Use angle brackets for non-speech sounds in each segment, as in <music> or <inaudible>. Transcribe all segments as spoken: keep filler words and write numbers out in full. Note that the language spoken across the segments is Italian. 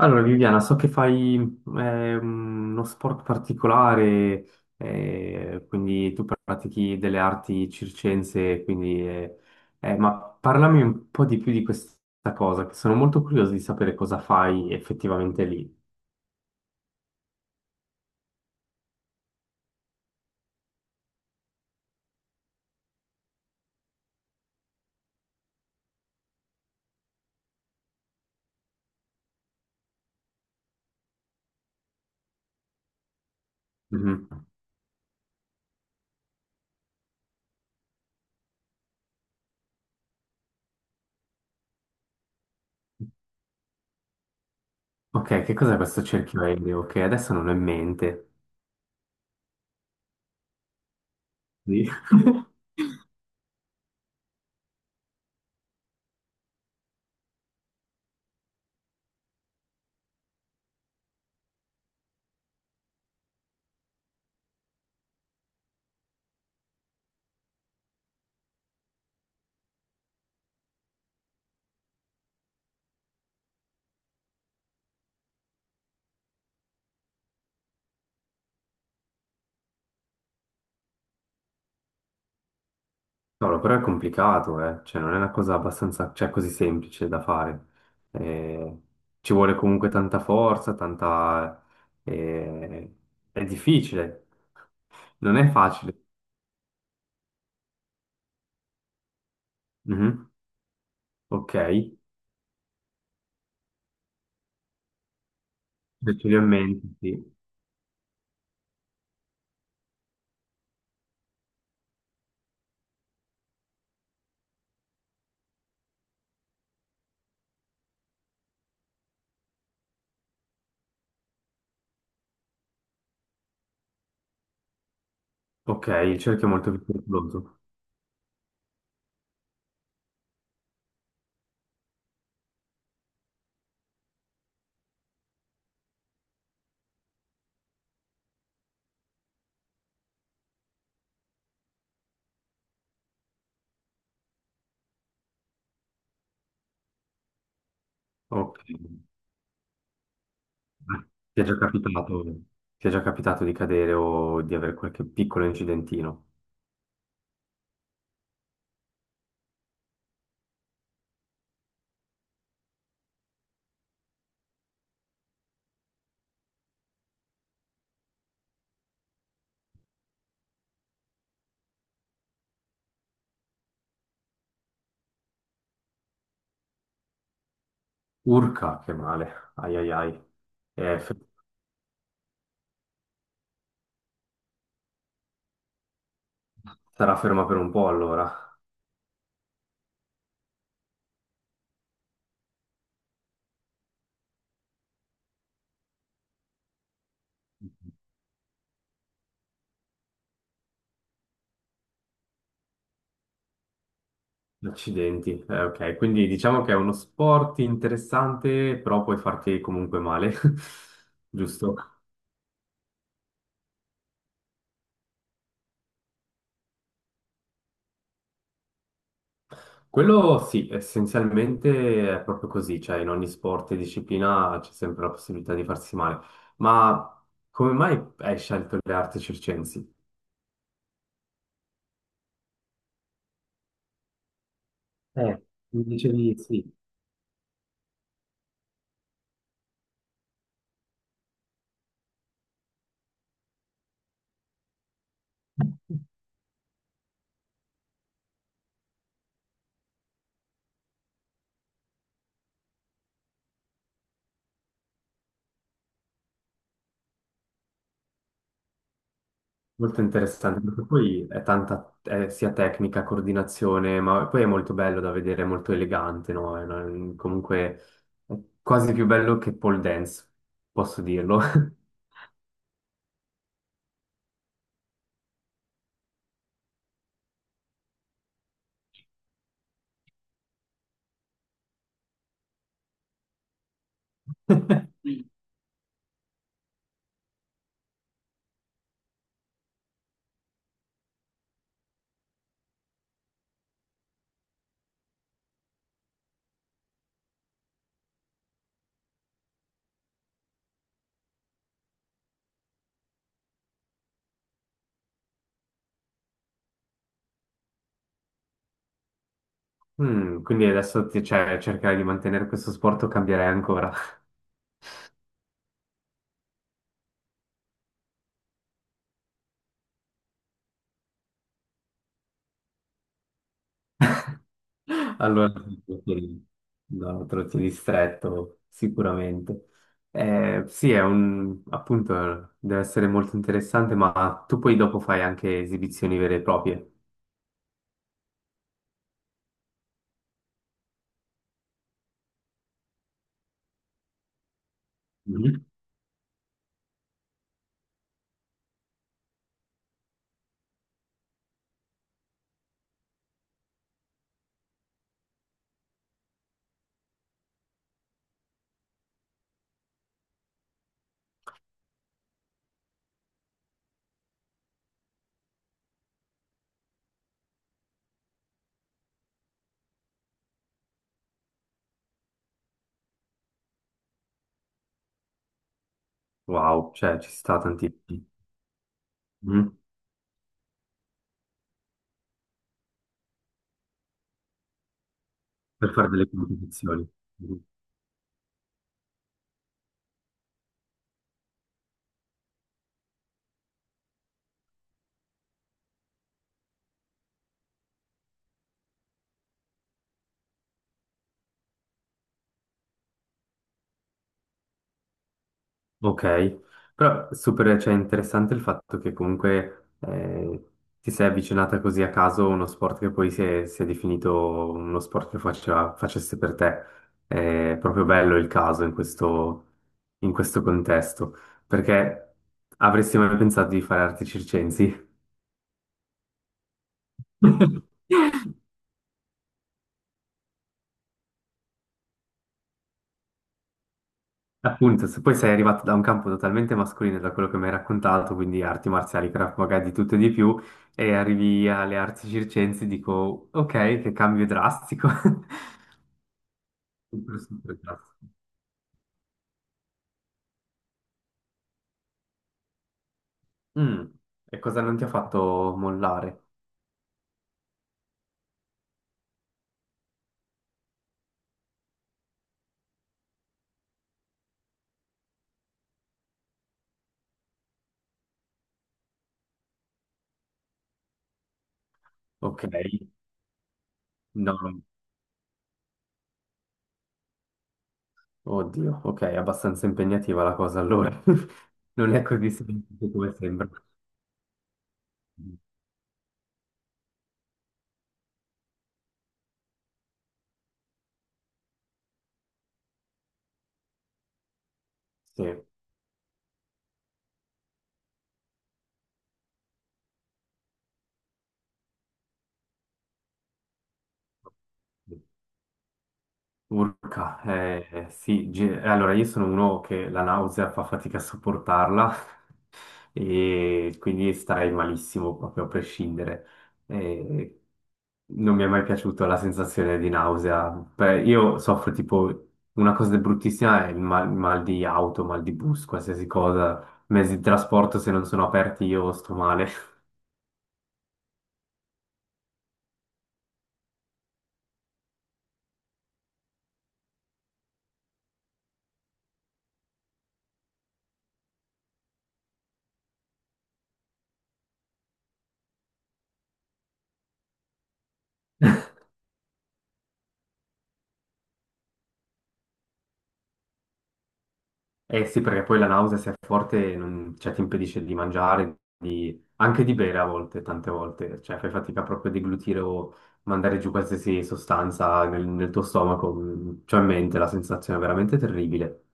Allora, Viviana, so che fai eh, uno sport particolare, eh, quindi tu pratichi delle arti circense, quindi, eh, eh, ma parlami un po' di più di questa cosa, che sono molto curioso di sapere cosa fai effettivamente lì. Mhm. Ok, che cos'è questo cerchio aereo? Che adesso non ho in mente. Sì. Cavolo, però è complicato, eh. Cioè, non è una cosa abbastanza, cioè, così semplice da fare. Eh, ci vuole comunque tanta forza, tanta... eh, è difficile, non è facile. Mhm. Ok, ce li ho in mente, sì. Ok, il cerchio è molto pericoloso. Ok. Ti è già capitato, ti è già capitato di cadere o di avere qualche piccolo incidentino? Urca, che male. Ai ai ai. Eh, fer- sarà ferma per un po' allora. Accidenti. Eh, ok, quindi diciamo che è uno sport interessante, però puoi farti comunque male, <laughs> giusto? Quello sì, essenzialmente è proprio così, cioè in ogni sport e disciplina c'è sempre la possibilità di farsi male. Ma come mai hai scelto le arti circensi? Eh, mi dicevi sì. Molto interessante, perché poi è tanta, è sia tecnica, coordinazione, ma poi è molto bello da vedere, è molto elegante, no? È una- comunque è quasi più bello che pole dance, posso dirlo. <laughs> Mm, quindi adesso ti- cioè, cercare di mantenere questo sport o cambiare ancora. <laughs> Allora, sì, no, trotti di stretto, sicuramente. Eh, sì, è un, appunto, deve essere molto interessante, ma tu poi dopo fai anche esibizioni vere e proprie. Mhm. Wow, cioè ci sta tantissimo. Mhm. Per fare delle competizioni. Mhm. Ok, però super, cioè, interessante il fatto che comunque eh, ti sei avvicinata così a caso a uno sport che poi si è, si è definito uno sport che faceva- facesse per te. È proprio bello il caso in questo, in questo contesto, perché avresti mai pensato di fare arti circensi? <laughs> Appunto, se poi sei arrivato da un campo totalmente mascolino, da quello che mi hai raccontato, quindi arti marziali, craft maga, di tutto e di più, e arrivi alle arti circensi, dico, ok, che cambio drastico. <laughs> Super, super drastico. Mm, e cosa non ti ha fatto mollare? Ok, no, no. Oddio, ok, è abbastanza impegnativa la cosa allora. <laughs> Non è così semplice come sembra. Sì. Urca, eh, eh, sì, ge- allora io sono uno che la nausea fa fatica a sopportarla <laughs> e quindi starei malissimo proprio a prescindere. Eh, non mi è mai piaciuta la sensazione di nausea. Beh, io soffro tipo una cosa bruttissima è il mal, mal di auto, mal di bus, qualsiasi cosa, mezzi di trasporto se non sono aperti io sto male. Eh sì, perché poi la nausea se è forte non- cioè, ti impedisce di mangiare, di- anche di bere a volte, tante volte, cioè fai fatica proprio a deglutire o mandare giù qualsiasi sostanza nel, nel tuo stomaco, c'ho in mente la sensazione è veramente terribile.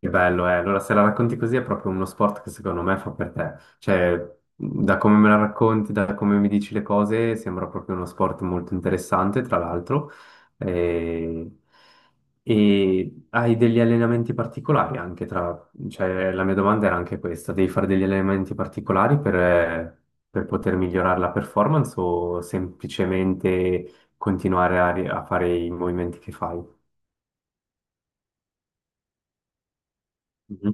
Che bello, eh. Allora, se la racconti così è proprio uno sport che secondo me fa per te. Cioè, da come me la racconti, da come mi dici le cose, sembra proprio uno sport molto interessante, tra l'altro. E, e hai degli allenamenti particolari anche tra... Cioè, la mia domanda era anche questa, devi fare degli allenamenti particolari per, per poter migliorare la performance o semplicemente continuare a, ri- a fare i movimenti che fai? Mhm.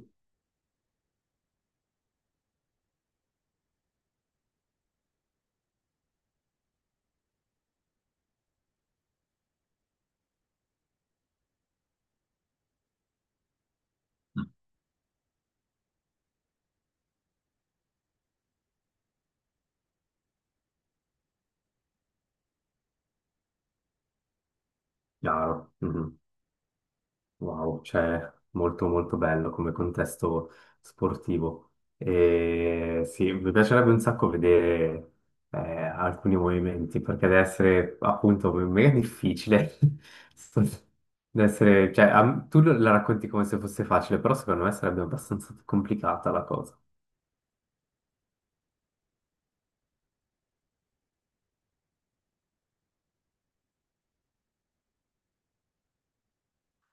Chiaro. Mhm. Wow, cioè molto molto bello come contesto sportivo. E sì, mi piacerebbe un sacco vedere eh, alcuni movimenti, perché deve essere appunto mega difficile. <laughs> Sto- Deve essere, cioè, a- tu la racconti come se fosse facile, però secondo me sarebbe abbastanza complicata la cosa.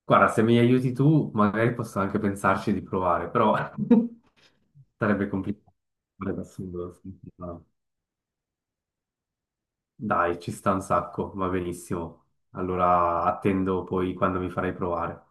Guarda, se mi aiuti tu, magari posso anche pensarci di provare, però <laughs> sarebbe complicato. Sarebbe assurdo. Dai, ci sta un sacco, va benissimo. Allora attendo poi quando mi farai provare.